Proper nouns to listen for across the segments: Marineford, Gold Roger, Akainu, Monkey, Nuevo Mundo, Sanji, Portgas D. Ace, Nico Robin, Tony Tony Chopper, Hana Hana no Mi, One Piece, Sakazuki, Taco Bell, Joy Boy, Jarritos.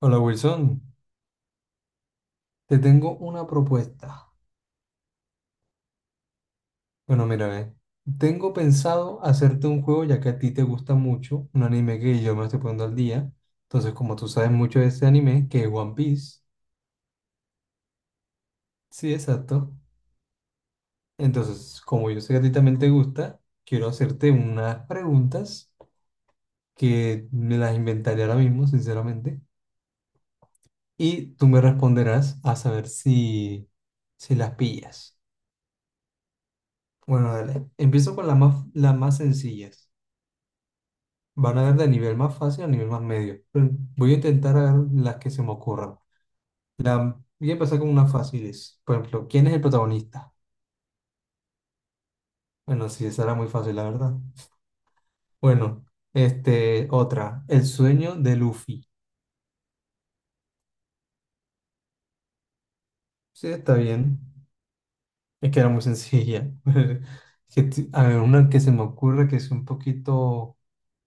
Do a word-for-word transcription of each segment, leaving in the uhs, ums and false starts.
Hola Wilson, te tengo una propuesta. Bueno, mira, ve, tengo pensado hacerte un juego ya que a ti te gusta mucho, un anime que yo me estoy poniendo al día. Entonces, como tú sabes mucho de ese anime, que es One Piece. Sí, exacto. Entonces, como yo sé que a ti también te gusta, quiero hacerte unas preguntas que me las inventaré ahora mismo, sinceramente. Y tú me responderás a saber si, si las pillas. Bueno, dale. Empiezo con las más, las más sencillas. Van a ver de nivel más fácil a nivel más medio. Pero voy a intentar agarrar las que se me ocurran. La, voy a empezar con unas fáciles. Por ejemplo, ¿quién es el protagonista? Bueno, sí, esa era muy fácil, la verdad. Bueno, este, otra. El sueño de Luffy. Sí, está bien. Es que era muy sencilla. Que t- A ver, una que se me ocurre que es un poquito,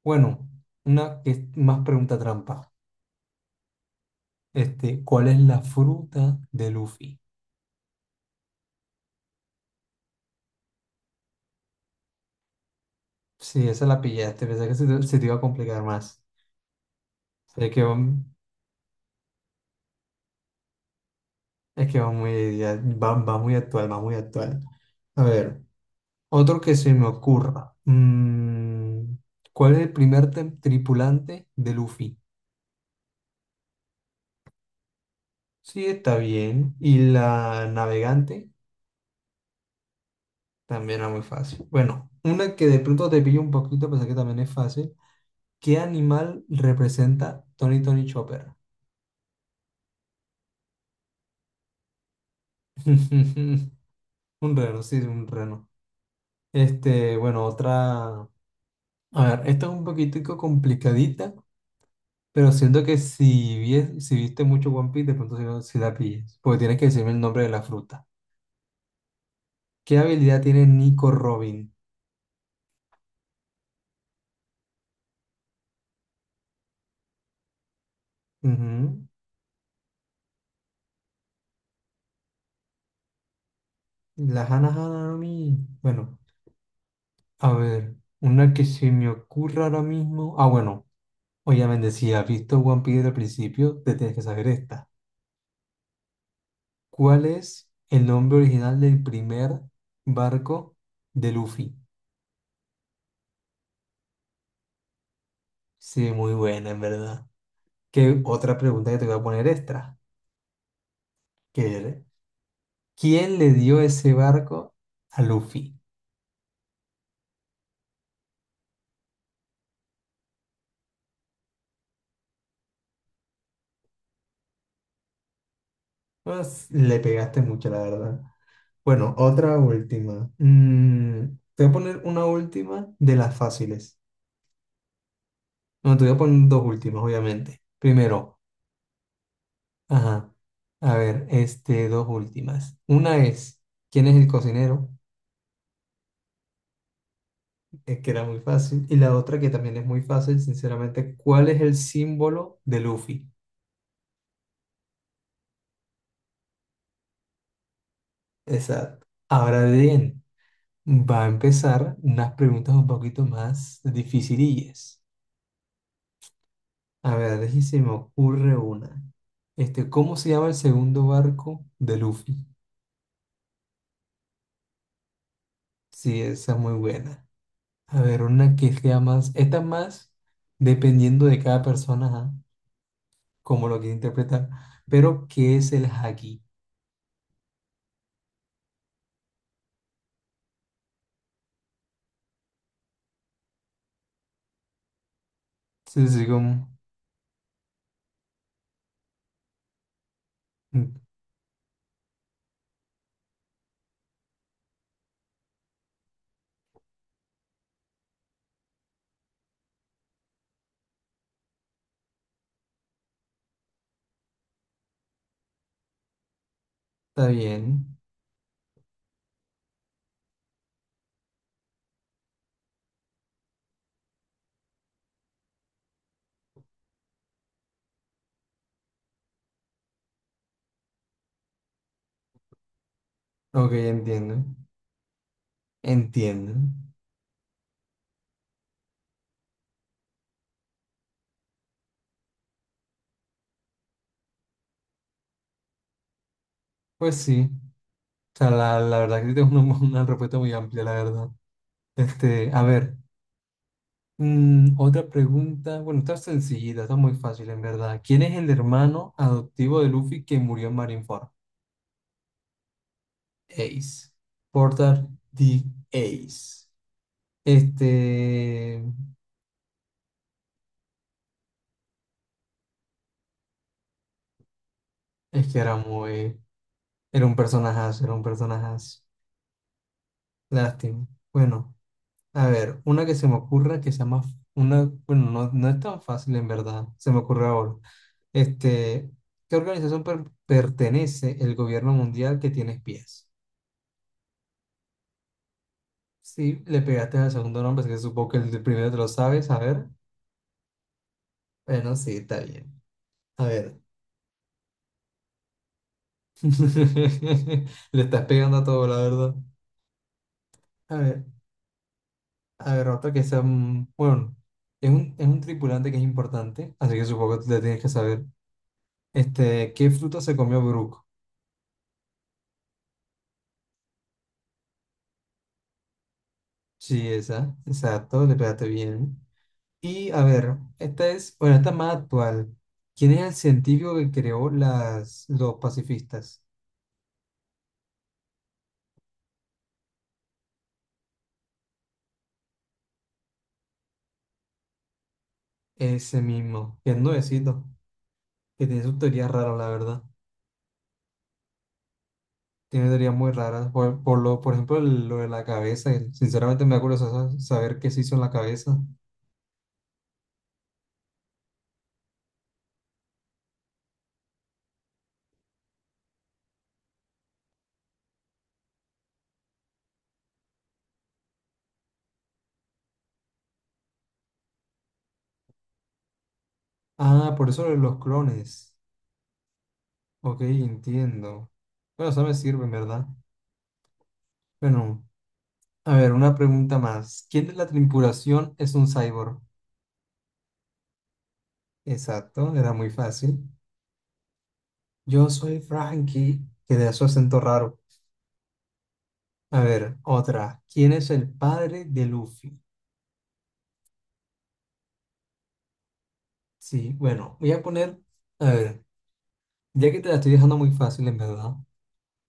bueno, una que es más pregunta trampa. Este, ¿cuál es la fruta de Luffy? Sí, esa la pillaste, pensé que se te, se te iba a complicar más. Es que va, es que va muy, ya- Va, va muy actual, va muy actual. A ver, otro que se me ocurra. Mm, ¿cuál es el primer tem- tripulante de Luffy? Sí, está bien. Y la navegante también era muy fácil. Bueno, una que de pronto te pillo un poquito, pensé que también es fácil. ¿Qué animal representa Tony Tony Chopper? Un reno, sí, un reno. Este, bueno, otra. A ver, esta es un poquitico complicadita. Pero siento que si, vies- si viste mucho One Piece, de pronto si, no- si la pilles. Porque tienes que decirme el nombre de la fruta. ¿Qué habilidad tiene Nico Robin? Ujú. La Hana Hana no Mi. Bueno, a ver. Una que se me ocurra ahora mismo. Ah, bueno. Obviamente, si has visto One Piece desde el principio, te tienes que saber esta. ¿Cuál es el nombre original del primer barco de Luffy? Sí, muy buena, en verdad. ¿Qué otra pregunta que te voy a poner extra? ¿Qué eres? ¿Quién le dio ese barco a Luffy? Pues, le pegaste mucho, la verdad. Bueno, otra última. Mm, te voy a poner una última de las fáciles. No, te voy a poner dos últimas, obviamente. Primero, ajá. A ver, este, dos últimas. Una es, ¿quién es el cocinero? Es que era muy fácil. Y la otra que también es muy fácil, sinceramente, ¿cuál es el símbolo de Luffy? Exacto. Ahora bien. Va a empezar unas preguntas un poquito más dificilillas. A ver, deje se me ocurre una. Este, ¿cómo se llama el segundo barco de Luffy? Sí, esa es muy buena. A ver, una que sea más, esta es más dependiendo de cada persona, ajá, cómo lo quiere interpretar. Pero, ¿qué es el haki? Sí, sí, sí, como, mm, está bien. Ok, entiendo. Entiendo. Pues sí. O sea, la, la verdad que es una, una respuesta muy amplia, la verdad. Este, a ver, mm, otra pregunta. Bueno, está sencillita, está muy fácil en verdad. ¿Quién es el hermano adoptivo de Luffy que murió en Marineford? Ace. Porter D. Ace. Este, es que era muy, era un personajazo, era un personajazo. Lástima. Bueno, a ver, una que se me ocurra que sea más, una, bueno, no, no es tan fácil en verdad, se me ocurre ahora. Este, ¿qué organización per- pertenece el gobierno mundial que tiene espías? Sí, le pegaste al segundo nombre, así que supongo que el de primero te lo sabes. A ver. Bueno, sí, está bien. A ver. Le estás pegando a todo, la verdad. A ver. A ver, otro que sea. mm, Bueno, es un, es un tripulante que es importante, así que supongo que le tienes que saber. Este, ¿qué fruta se comió Brook? Sí, esa. Exacto, le pegaste bien. Y a ver, esta es. Bueno, esta es más actual. ¿Quién es el científico que creó las, los pacifistas? Ese mismo, que es nuevecito. Que tiene sus teorías raras, la verdad. Tiene teorías muy raras. Por, por lo, por ejemplo, el- lo de la cabeza. el- Sinceramente me da curiosidad sa- saber qué se hizo en la cabeza. Ah, por eso lo de los clones. Ok, entiendo. Bueno, eso me sirve, ¿verdad? Bueno, a ver, una pregunta más. ¿Quién de la tripulación es un cyborg? Exacto, era muy fácil. Yo soy Frankie, que de su acento raro. A ver, otra. ¿Quién es el padre de Luffy? Sí, bueno, voy a poner... A ver. Ya que te la estoy dejando muy fácil, en verdad,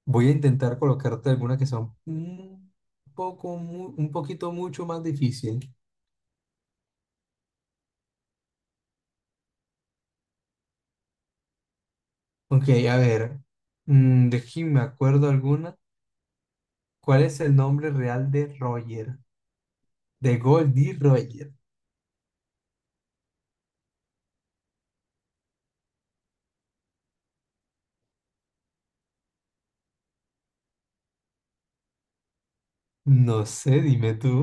voy a intentar colocarte algunas que son un poco, mu- un poquito mucho más difícil. Ok, a ver, mm, de aquí me acuerdo alguna. ¿Cuál es el nombre real de Roger? De Goldie Roger. No sé, dime tú.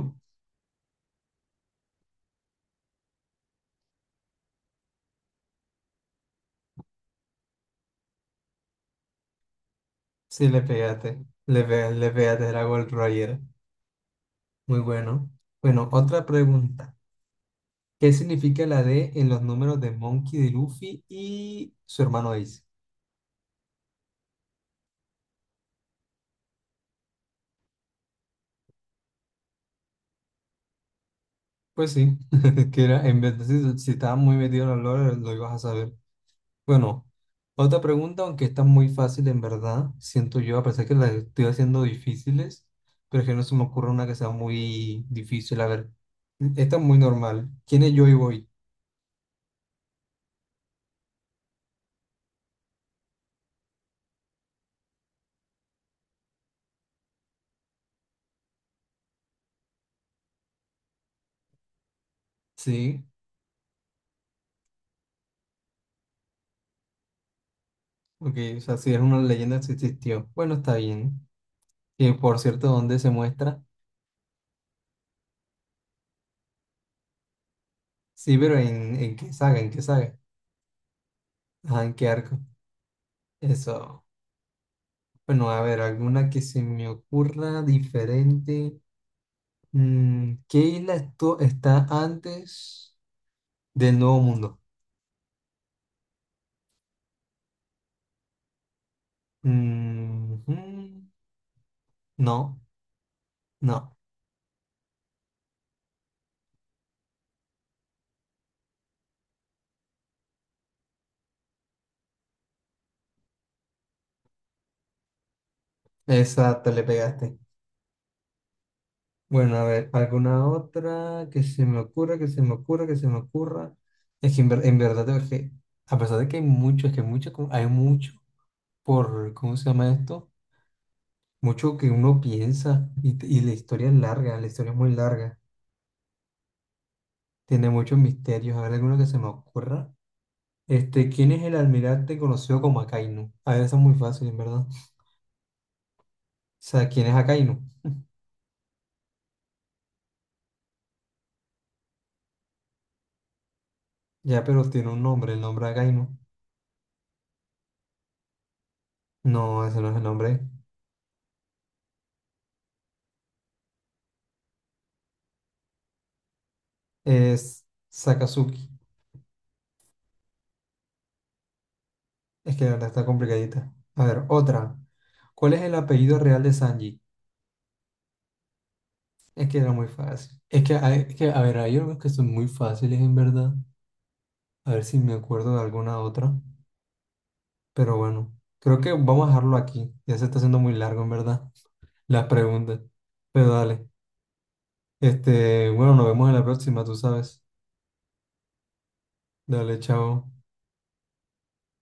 Sí, le pegaste. Le pegaste, le pegaste, era Gold Roger. Muy bueno. Bueno, otra pregunta. ¿Qué significa la D en los números de Monkey, de Luffy y su hermano Ace? Pues sí, que era, en vez de si, si estabas muy metido en los lore, lo ibas a saber. Bueno, otra pregunta, aunque está muy fácil en verdad, siento yo, a pesar que las estoy haciendo difíciles, pero es que no se me ocurre una que sea muy difícil. A ver, esta es muy normal. ¿Quién es Joy Boy? Sí, ok, o sea, si es una leyenda que existió. Bueno, está bien. Y por cierto, ¿dónde se muestra? Sí, pero ¿en, en qué saga? ¿En qué saga? Ajá, ¿en qué arco? Eso. Bueno, a ver, alguna que se me ocurra diferente. Mm, ¿qué isla estu- está antes del Nuevo Mundo? Mm, mm, no, no. Esa te le pegaste. Bueno, a ver, alguna otra que se me ocurra, que se me ocurra, que se me ocurra. Es que en, ver- En verdad, es que, a pesar de que hay mucho, es que mucho, como- hay mucho por, ¿cómo se llama esto? Mucho que uno piensa y, y la historia es larga, la historia es muy larga. Tiene muchos misterios. A ver, alguno que se me ocurra. Este, ¿quién es el almirante conocido como Akainu? A ver, eso es muy fácil, en verdad. O sea, ¿quién es Akainu? Ya, pero tiene un nombre, el nombre Akainu. No, ese no es el nombre. Es Sakazuki. Es que la verdad está complicadita. A ver, otra. ¿Cuál es el apellido real de Sanji? Es que era muy fácil. Es que, hay- es que a ver, hay unos que son muy fáciles, en verdad. A ver si me acuerdo de alguna otra. Pero bueno, creo que vamos a dejarlo aquí. Ya se está haciendo muy largo, en verdad. Las preguntas. Pero dale. Este, bueno, nos vemos en la próxima, tú sabes. Dale, chao.